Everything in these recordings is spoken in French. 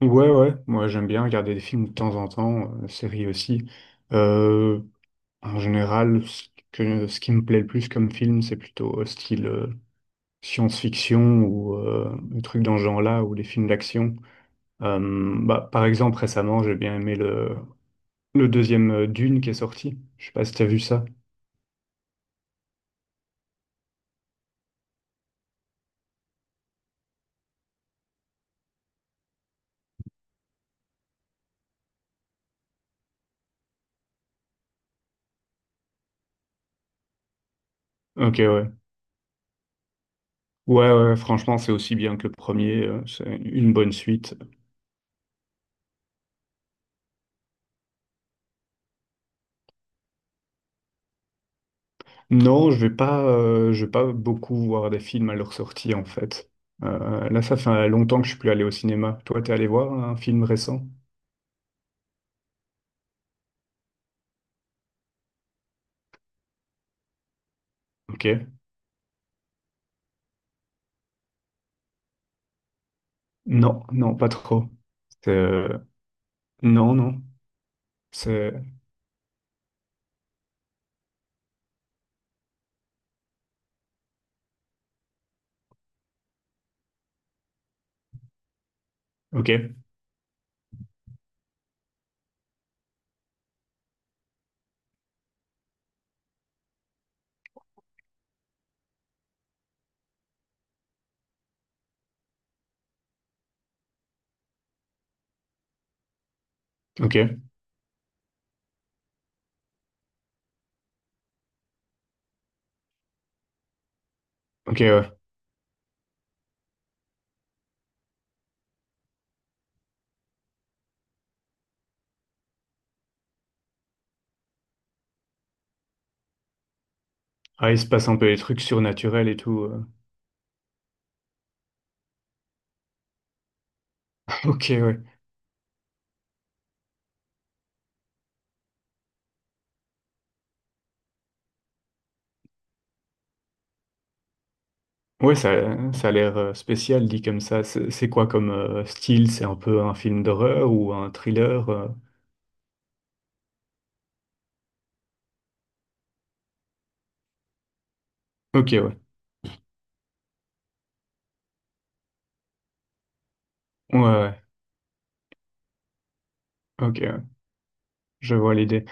Ouais, ouais, moi j'aime bien regarder des films de temps en temps, séries aussi. Euh, En général, ce qui me plaît le plus comme film, c'est plutôt style science-fiction ou des trucs dans ce genre-là, ou des films d'action. Bah, par exemple, récemment, j'ai bien aimé le deuxième Dune qui est sorti. Je sais pas si t'as vu ça. Ok, ouais. Ouais, ouais, franchement, c'est aussi bien que le premier. C'est une bonne suite. Non, je vais pas beaucoup voir des films à leur sortie en fait. Là, ça fait longtemps que je suis plus allé au cinéma. Toi, t'es allé voir un film récent? Ok. Non, non, pas trop. C'est, non, non. C'est Ok, ok, ok. Ouais. Ah, il se passe un peu des trucs surnaturels et tout. Ok, ouais. Ouais, ça a l'air spécial dit comme ça. C'est quoi comme style? C'est un peu un film d'horreur ou un thriller? Ok, ouais. Ouais, ouais. Ouais. Ok, ouais. Je vois l'idée.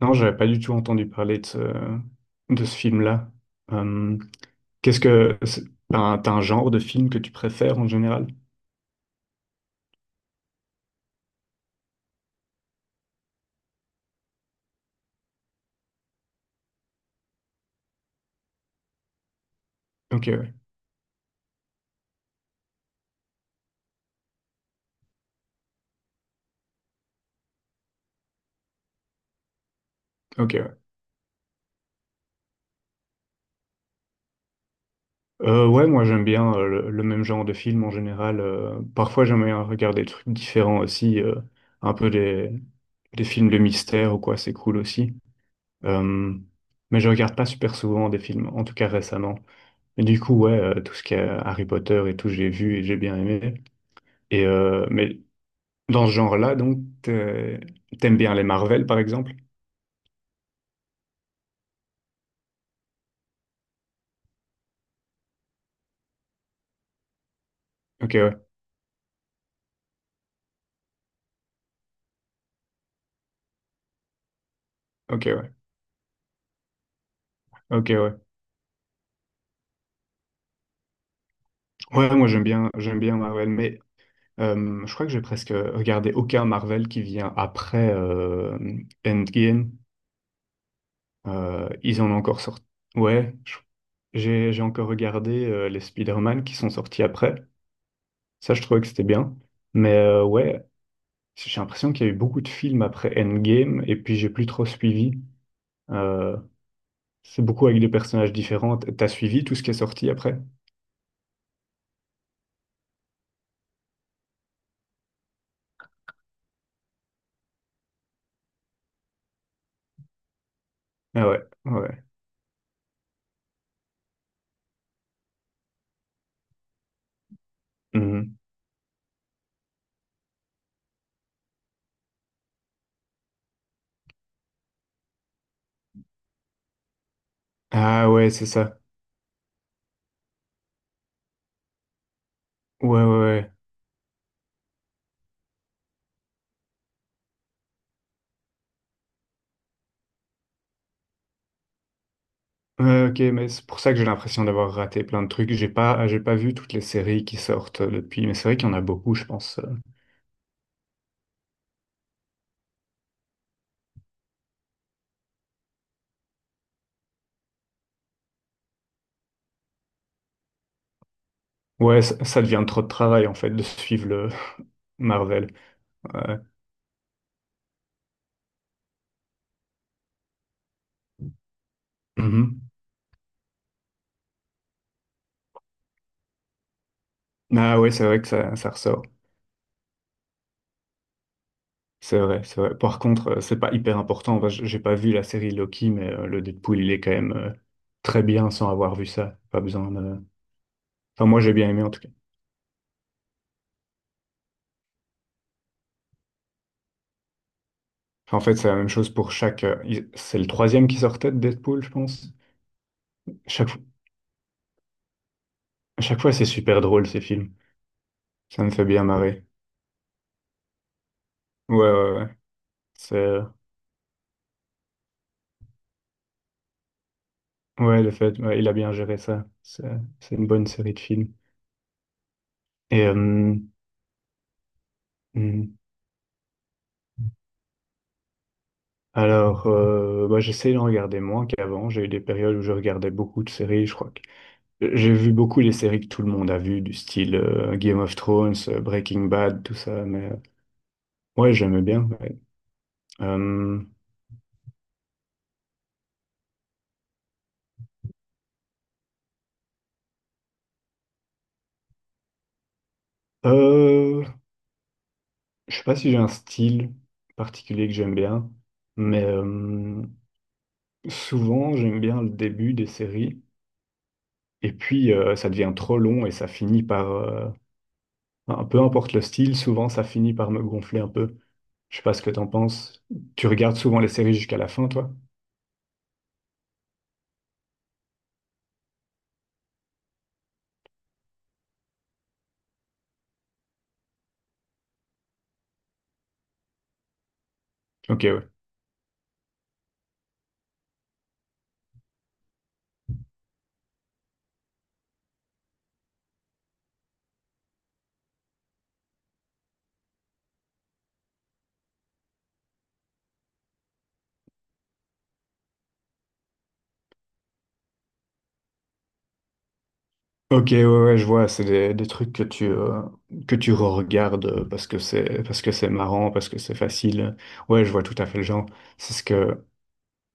Non, j'avais pas du tout entendu parler de ce film-là. Euh, qu'est-ce que, c'est- t'as un genre de film que tu préfères en général? Ok, ouais. Ok, ouais. Ouais, moi j'aime bien le même genre de film en général. Parfois j'aime bien regarder des trucs différents aussi, un peu des films de mystère ou quoi, c'est cool aussi. Euh, mais je regarde pas super souvent des films, en tout cas récemment. Et du coup, ouais, tout ce qui est Harry Potter et tout, j'ai vu et j'ai bien aimé. Et mais dans ce genre-là, donc, t'aimes bien les Marvel, par exemple? Ok, ouais. Ok, ouais. Ok, ouais. Ouais, moi, j'aime bien Marvel, mais je crois que j'ai presque regardé aucun Marvel qui vient après Endgame. Ils en ont encore sorti. Ouais, je- j'ai encore regardé les Spider-Man qui sont sortis après. Ça, je trouvais que c'était bien. Mais ouais, j'ai l'impression qu'il y a eu beaucoup de films après Endgame, et puis j'ai plus trop suivi. euh, C'est beaucoup avec des personnages différents. T'as suivi tout ce qui est sorti après? Ah ouais, ouais. Mhm. Ah ouais, c'est ça. Ouais, ouais, ouais. Ouais, ok, mais c'est pour ça que j'ai l'impression d'avoir raté plein de trucs. J'ai pas vu toutes les séries qui sortent depuis, mais c'est vrai qu'il y en a beaucoup, je pense. Ouais, ça devient trop de travail, en fait, de suivre le Marvel. Ouais. Mhm. Ah ouais, c'est vrai que ça ressort. C'est vrai, c'est vrai. Par contre, c'est pas hyper important. Enfin, j'ai pas vu la série Loki, mais le Deadpool, il est quand même très bien sans avoir vu ça. Pas besoin de... Enfin, moi, j'ai bien aimé en tout cas. Enfin, en fait, c'est la même chose pour chaque. C'est le troisième qui sortait de Deadpool, je pense. Chaque, fo- à chaque fois, c'est super drôle ces films. Ça me fait bien marrer. Ouais, ouais, ouais. C'est, ouais, ouais, il a bien géré ça. C'est une bonne série de films. Et hmm. Alors, bah, j'essaie d'en regarder moins qu'avant. J'ai eu des périodes où je regardais beaucoup de séries. Je crois que j'ai vu beaucoup les séries que tout le monde a vues, du style Game of Thrones, Breaking Bad, tout ça. Mais ouais, j'aimais bien. Ouais. Euh, euh, je sais pas si j'ai un style particulier que j'aime bien, mais souvent j'aime bien le début des séries, et puis ça devient trop long et ça finit par, peu importe le style, souvent ça finit par me gonfler un peu. Je sais pas ce que t'en penses. Tu regardes souvent les séries jusqu'à la fin, toi? Ok, ouais. Ok, ouais, ouais, je vois, c'est des trucs que tu regardes parce que c'est marrant, parce que c'est facile. Ouais, je vois tout à fait le genre. C'est ce que,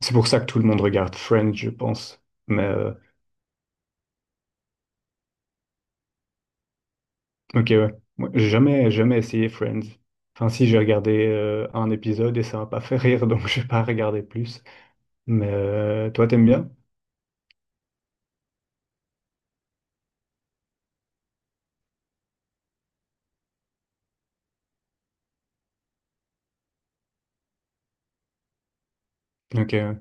C'est pour ça que tout le monde regarde Friends, je pense. Mais ok, ouais. Moi, J'ai jamais, jamais essayé Friends. Enfin, si j'ai regardé un épisode et ça m'a pas fait rire, donc je vais pas regarder plus. Mais toi, t'aimes bien? Ok. Ouais,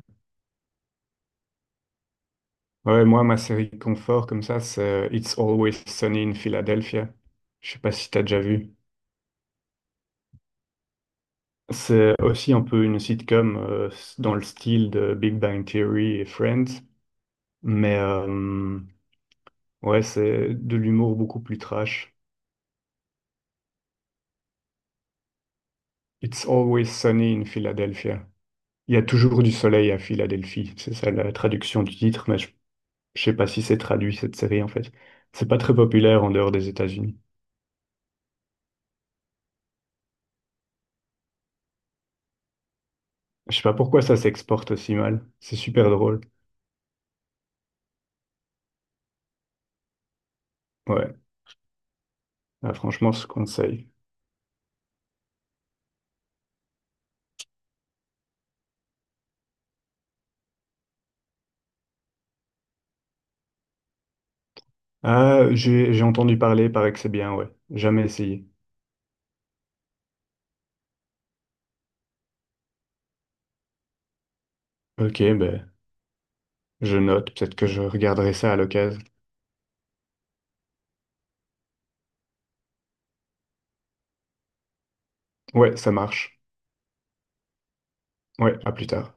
ouais, moi, ma série confort comme ça, c'est It's Always Sunny in Philadelphia. Je sais pas si t'as déjà vu. C'est aussi un peu une sitcom dans le style de Big Bang Theory et Friends, mais ouais, c'est de l'humour beaucoup plus trash. It's always sunny in Philadelphia. Il y a toujours du soleil à Philadelphie. C'est ça la traduction du titre, mais je sais pas si c'est traduit cette série en fait. C'est pas très populaire en dehors des États-Unis. Je sais pas pourquoi ça s'exporte aussi mal. C'est super drôle. Ouais, ah, franchement, je conseille. Ah, j'ai entendu parler, paraît que c'est bien, ouais. Jamais essayé. Ok, ben, je note. Peut-être que je regarderai ça à l'occasion. Ouais, ça marche. Ouais, à plus tard.